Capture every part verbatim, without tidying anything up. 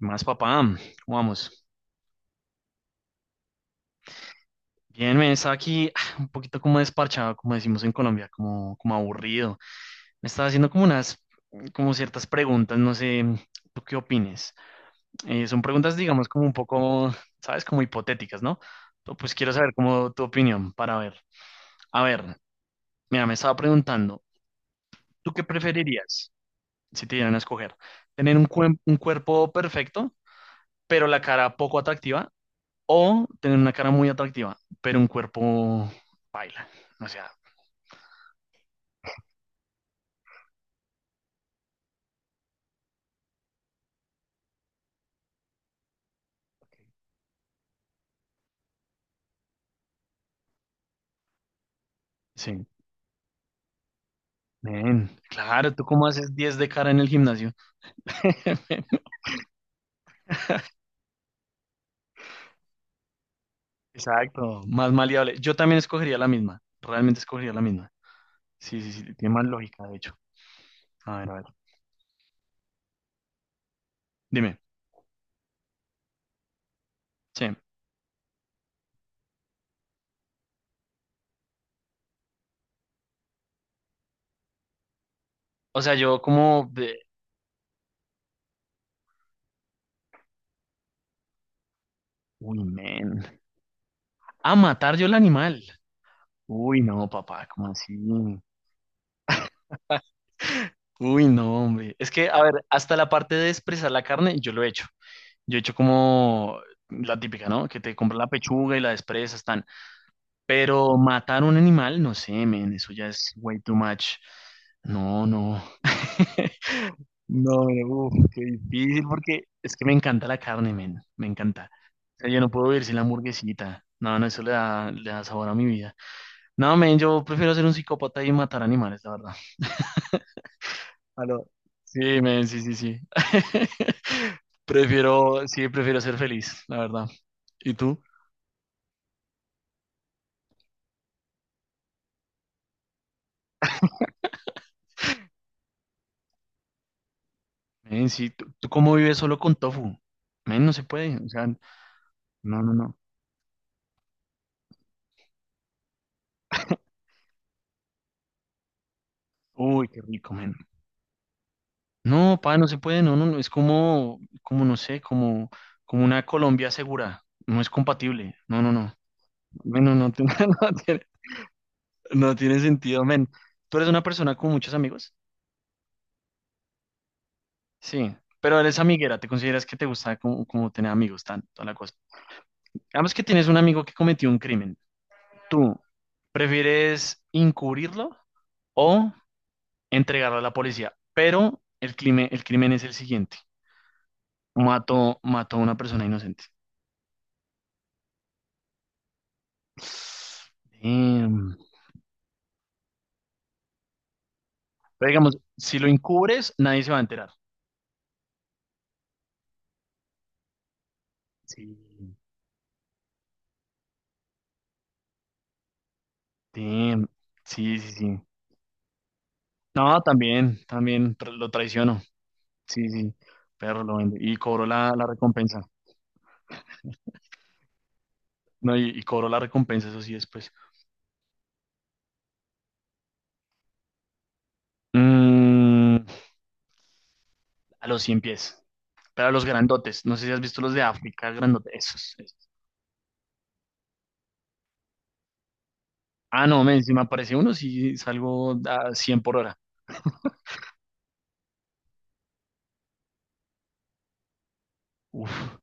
Más papá, ¿cómo vamos? Bien, me estaba aquí ah, un poquito como desparchado, como decimos en Colombia, como, como aburrido. Me estaba haciendo como unas, como ciertas preguntas, no sé, ¿tú qué opines? Eh, son preguntas, digamos, como un poco, ¿sabes? Como hipotéticas, ¿no? Pero, Pues quiero saber como tu opinión para ver. A ver, mira, me estaba preguntando, ¿tú qué preferirías si te dieran a escoger? ¿Tener un, cuen- un cuerpo perfecto, pero la cara poco atractiva? O tener una cara muy atractiva, pero un cuerpo baila. O sea, sí. Men, claro, ¿tú cómo haces diez de cara en el gimnasio? Exacto, más maleable. Yo también escogería la misma. Realmente escogería la misma. Sí, sí, sí, tiene más lógica, de hecho. A ver, a ver. Dime. Sí. O sea, yo como... de- uy, men. A matar yo el animal. Uy, no, papá, ¿cómo así? Uy, no, hombre. Es que, a ver, hasta la parte de expresar la carne, yo lo he hecho. Yo he hecho como la típica, ¿no?, que te compras la pechuga y la desprezas, tan. Pero matar un animal, no sé, men, eso ya es way too much. No, no. No, men, uf, qué difícil, porque es que me encanta la carne, men, me encanta. O sea, yo no puedo vivir sin la hamburguesita. No, no, eso le da, le da sabor a mi vida. No, men, yo prefiero ser un psicópata y matar animales, la verdad. Aló. Sí, men, sí, sí, sí. Prefiero, sí, prefiero ser feliz, la verdad. ¿Y tú? Men, sí, ¿tú, ¿tú cómo vives solo con tofu? Men, no se puede, o sea, no, no, no. Uy, qué rico, men. No, pa, no se puede, no, no, no, es como, como, no sé, como, como una Colombia segura. No es compatible, no, no, no. Men, no, no, tiene- no tiene, no tiene sentido, men. ¿Tú eres una persona con muchos amigos? Sí, pero eres amiguera, ¿te consideras que te gusta como, como tener amigos, tan, toda la cosa? Digamos que tienes un amigo que cometió un crimen. ¿Tú prefieres encubrirlo o entregarlo a la policía? Pero el crimen, el crimen es el siguiente. Mató, mató a una persona inocente. Damn. Pero digamos, si lo encubres, nadie se va a enterar. Sí. Damn. Sí, sí, sí. No, también, también tra- lo traiciono. Sí, sí. Pero lo vende. Y cobró la, la recompensa. No, y, y cobró la recompensa, eso sí, después. Mm, a los cien pies. Pero los grandotes, no sé si has visto los de África, grandotes, esos, esos. Ah, no, men, si me aparece uno, si salgo a cien por hora. Uf.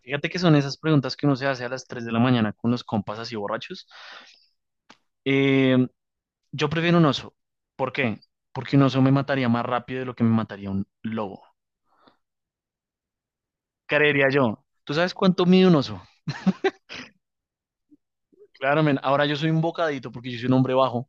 Fíjate que son esas preguntas que uno se hace a las tres de la mañana con los compas así borrachos. Eh, yo prefiero un oso. ¿Por qué? Porque un oso me mataría más rápido de lo que me mataría un lobo. Creería yo. ¿Tú sabes cuánto mide un oso? Claro, men, ahora yo soy un bocadito porque yo soy un hombre bajo.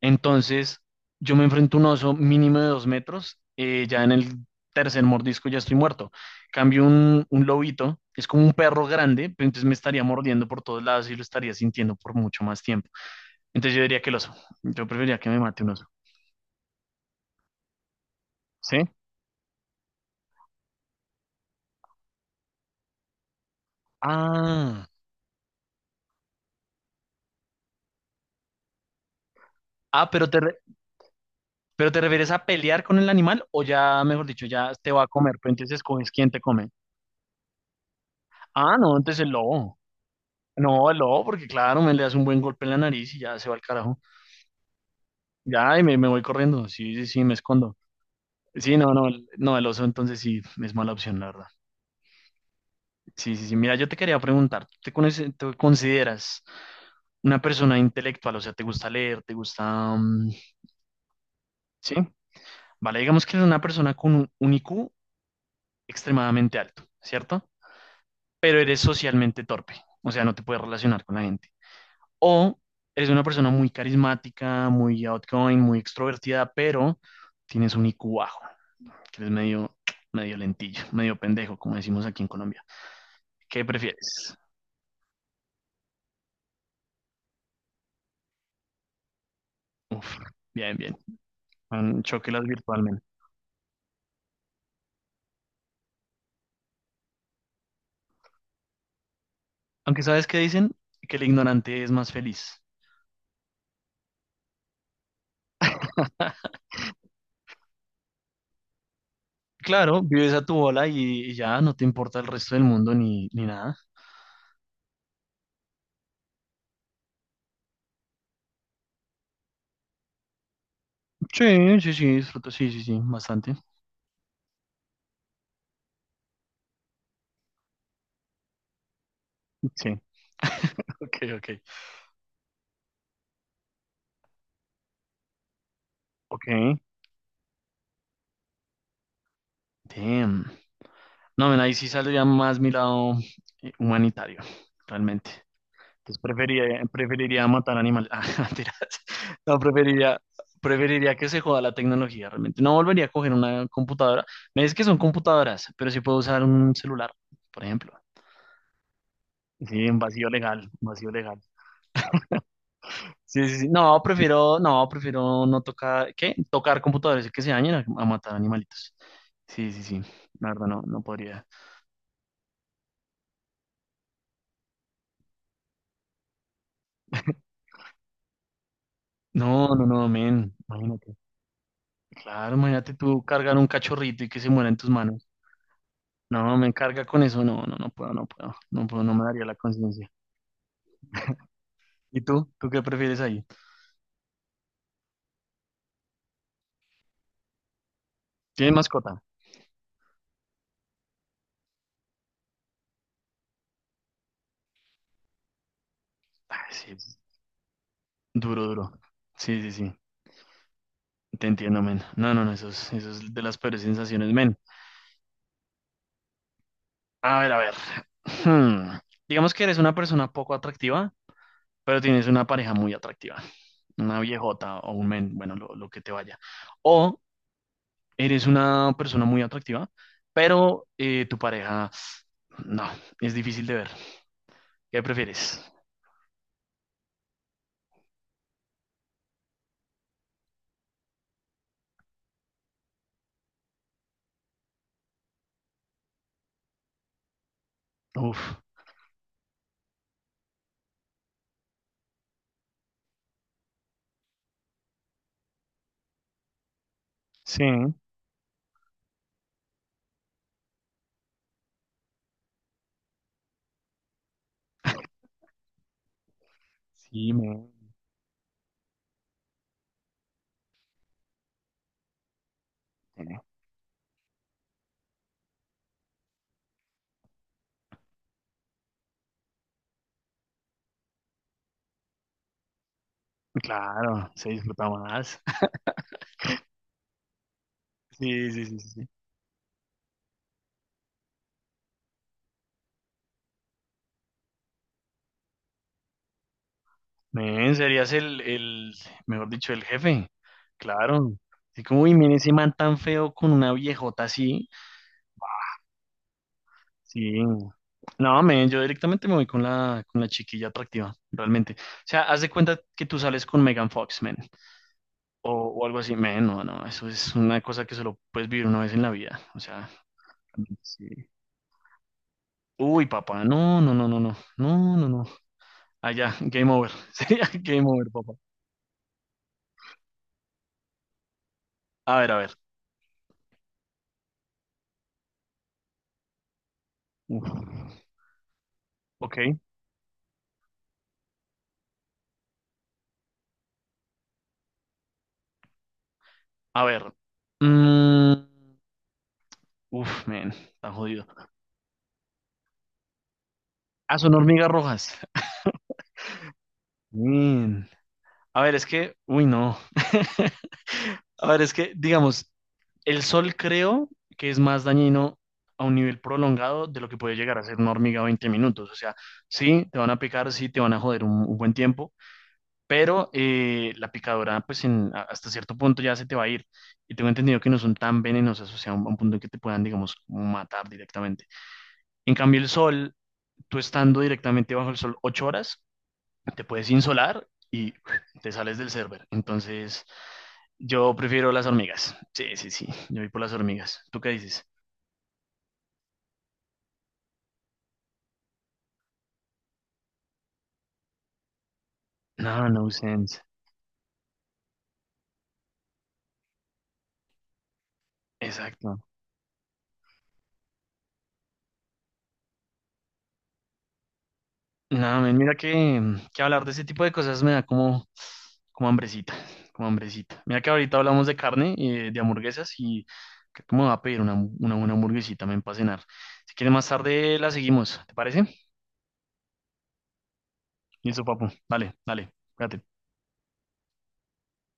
Entonces, yo me enfrento a un oso mínimo de dos metros, eh, ya en el tercer mordisco ya estoy muerto. Cambio un, un lobito, es como un perro grande, pero entonces me estaría mordiendo por todos lados y lo estaría sintiendo por mucho más tiempo. Entonces yo diría que el oso, yo preferiría que me mate un oso. ¿Sí? Ah, ah, pero te, re- pero te refieres a pelear con el animal o ya, mejor dicho, ya te va a comer, pero entonces escoges quién te come. Ah, no, entonces el lobo. No, el lobo, porque claro, me le das un buen golpe en la nariz y ya se va al carajo. Ay, me, me voy corriendo. Sí, sí, sí, me escondo. Sí, no, no, el- no, el oso entonces sí es mala opción, la verdad. Sí, sí, sí. Mira, yo te quería preguntar, ¿te, conoce- ¿te consideras una persona intelectual? O sea, ¿te gusta leer? ¿Te gusta...? mm, sí. Vale, digamos que eres una persona con un, un I Q extremadamente alto, ¿cierto? Pero eres socialmente torpe. O sea, no te puedes relacionar con la gente. O eres una persona muy carismática, muy outgoing, muy extrovertida, pero tienes un I Q bajo, que eres medio, medio lentillo, medio pendejo, como decimos aquí en Colombia. ¿Qué prefieres? Uf, bien, bien. Mm, Chóquelas virtualmente. Aunque sabes qué dicen, que el ignorante es más feliz. Claro, vives a tu bola y, y ya no te importa el resto del mundo ni, ni nada. Sí, sí, sí, disfruto, sí, sí, sí, bastante. Sí, ok, ok. Ok, damn. No, men, ahí sí saldría más mi lado eh, humanitario, realmente. Entonces preferiría, preferiría matar animales. Ah, mentiras. No, preferiría, preferiría que se joda la tecnología, realmente. No volvería a coger una computadora. Me dice que son computadoras, pero sí puedo usar un celular, por ejemplo. Sí, un vacío legal, un vacío legal. Sí, sí, sí. No, prefiero, no, prefiero no tocar, ¿qué? Tocar computadores y que se dañen a, a matar animalitos. Sí, sí, sí. La verdad, no, no podría. No, no, no, men, imagínate. Claro, imagínate tú cargar un cachorrito y que se muera en tus manos. No, me carga con eso, no, no, no puedo, no puedo, no puedo, no me daría la conciencia. ¿Y tú? ¿Tú qué prefieres ahí? ¿Tienes mascota? Ay, sí, pues, duro, duro. Sí, sí, sí, te entiendo, men. No, no, no, eso es, eso es de las peores sensaciones, men. A ver, a ver. Hmm. Digamos que eres una persona poco atractiva, pero tienes una pareja muy atractiva, una viejota o un men, bueno, lo, lo que te vaya. O eres una persona muy atractiva, pero eh, tu pareja, no, es difícil de ver. ¿Qué prefieres? Uf, sí, sí, men, eh, claro, se disfruta más. Sí, sí, sí, sí, sí. Men, serías el, el, mejor dicho, el jefe. Claro. Así como, uy, men, ese man tan feo con una viejota así. Sí. No, men, yo directamente me voy con la, con la chiquilla atractiva, realmente. O sea, haz de cuenta que tú sales con Megan Fox, men. O, o algo así. Men, no, no, eso es una cosa que solo puedes vivir una vez en la vida. O sea, sí. Uy, papá, no, no, no, no, no, no, no, no. Allá, game over. Sería game over, papá. A ver, a ver. Uf. Ok, a ver. Mm, Uf, men, está jodido. Ah, son hormigas rojas. Men. A ver, es que, uy, no. A ver, es que, digamos, el sol creo que es más dañino a un nivel prolongado de lo que puede llegar a ser una hormiga veinte minutos. O sea, sí, te van a picar, sí, te van a joder un, un buen tiempo, pero eh, la picadora, pues en- a- hasta cierto punto ya se te va a ir. Y tengo entendido que no son tan venenosas, o sea, a un, a un punto en que te puedan, digamos, matar directamente. En cambio, el sol, tú estando directamente bajo el sol ocho horas, te puedes insolar y te sales del server. Entonces, yo prefiero las hormigas. Sí, sí, sí, yo voy por las hormigas. ¿Tú qué dices? No, no sense. Exacto. No, men, mira que, mm, que hablar de ese tipo de cosas me da como, como hambrecita, como hambrecita. Mira que ahorita hablamos de carne y de hamburguesas y creo que me va a pedir una, una buena hamburguesita, men, para cenar. Si quieres más tarde la seguimos, ¿te parece? Listo, papu. Dale, dale. Cuídate.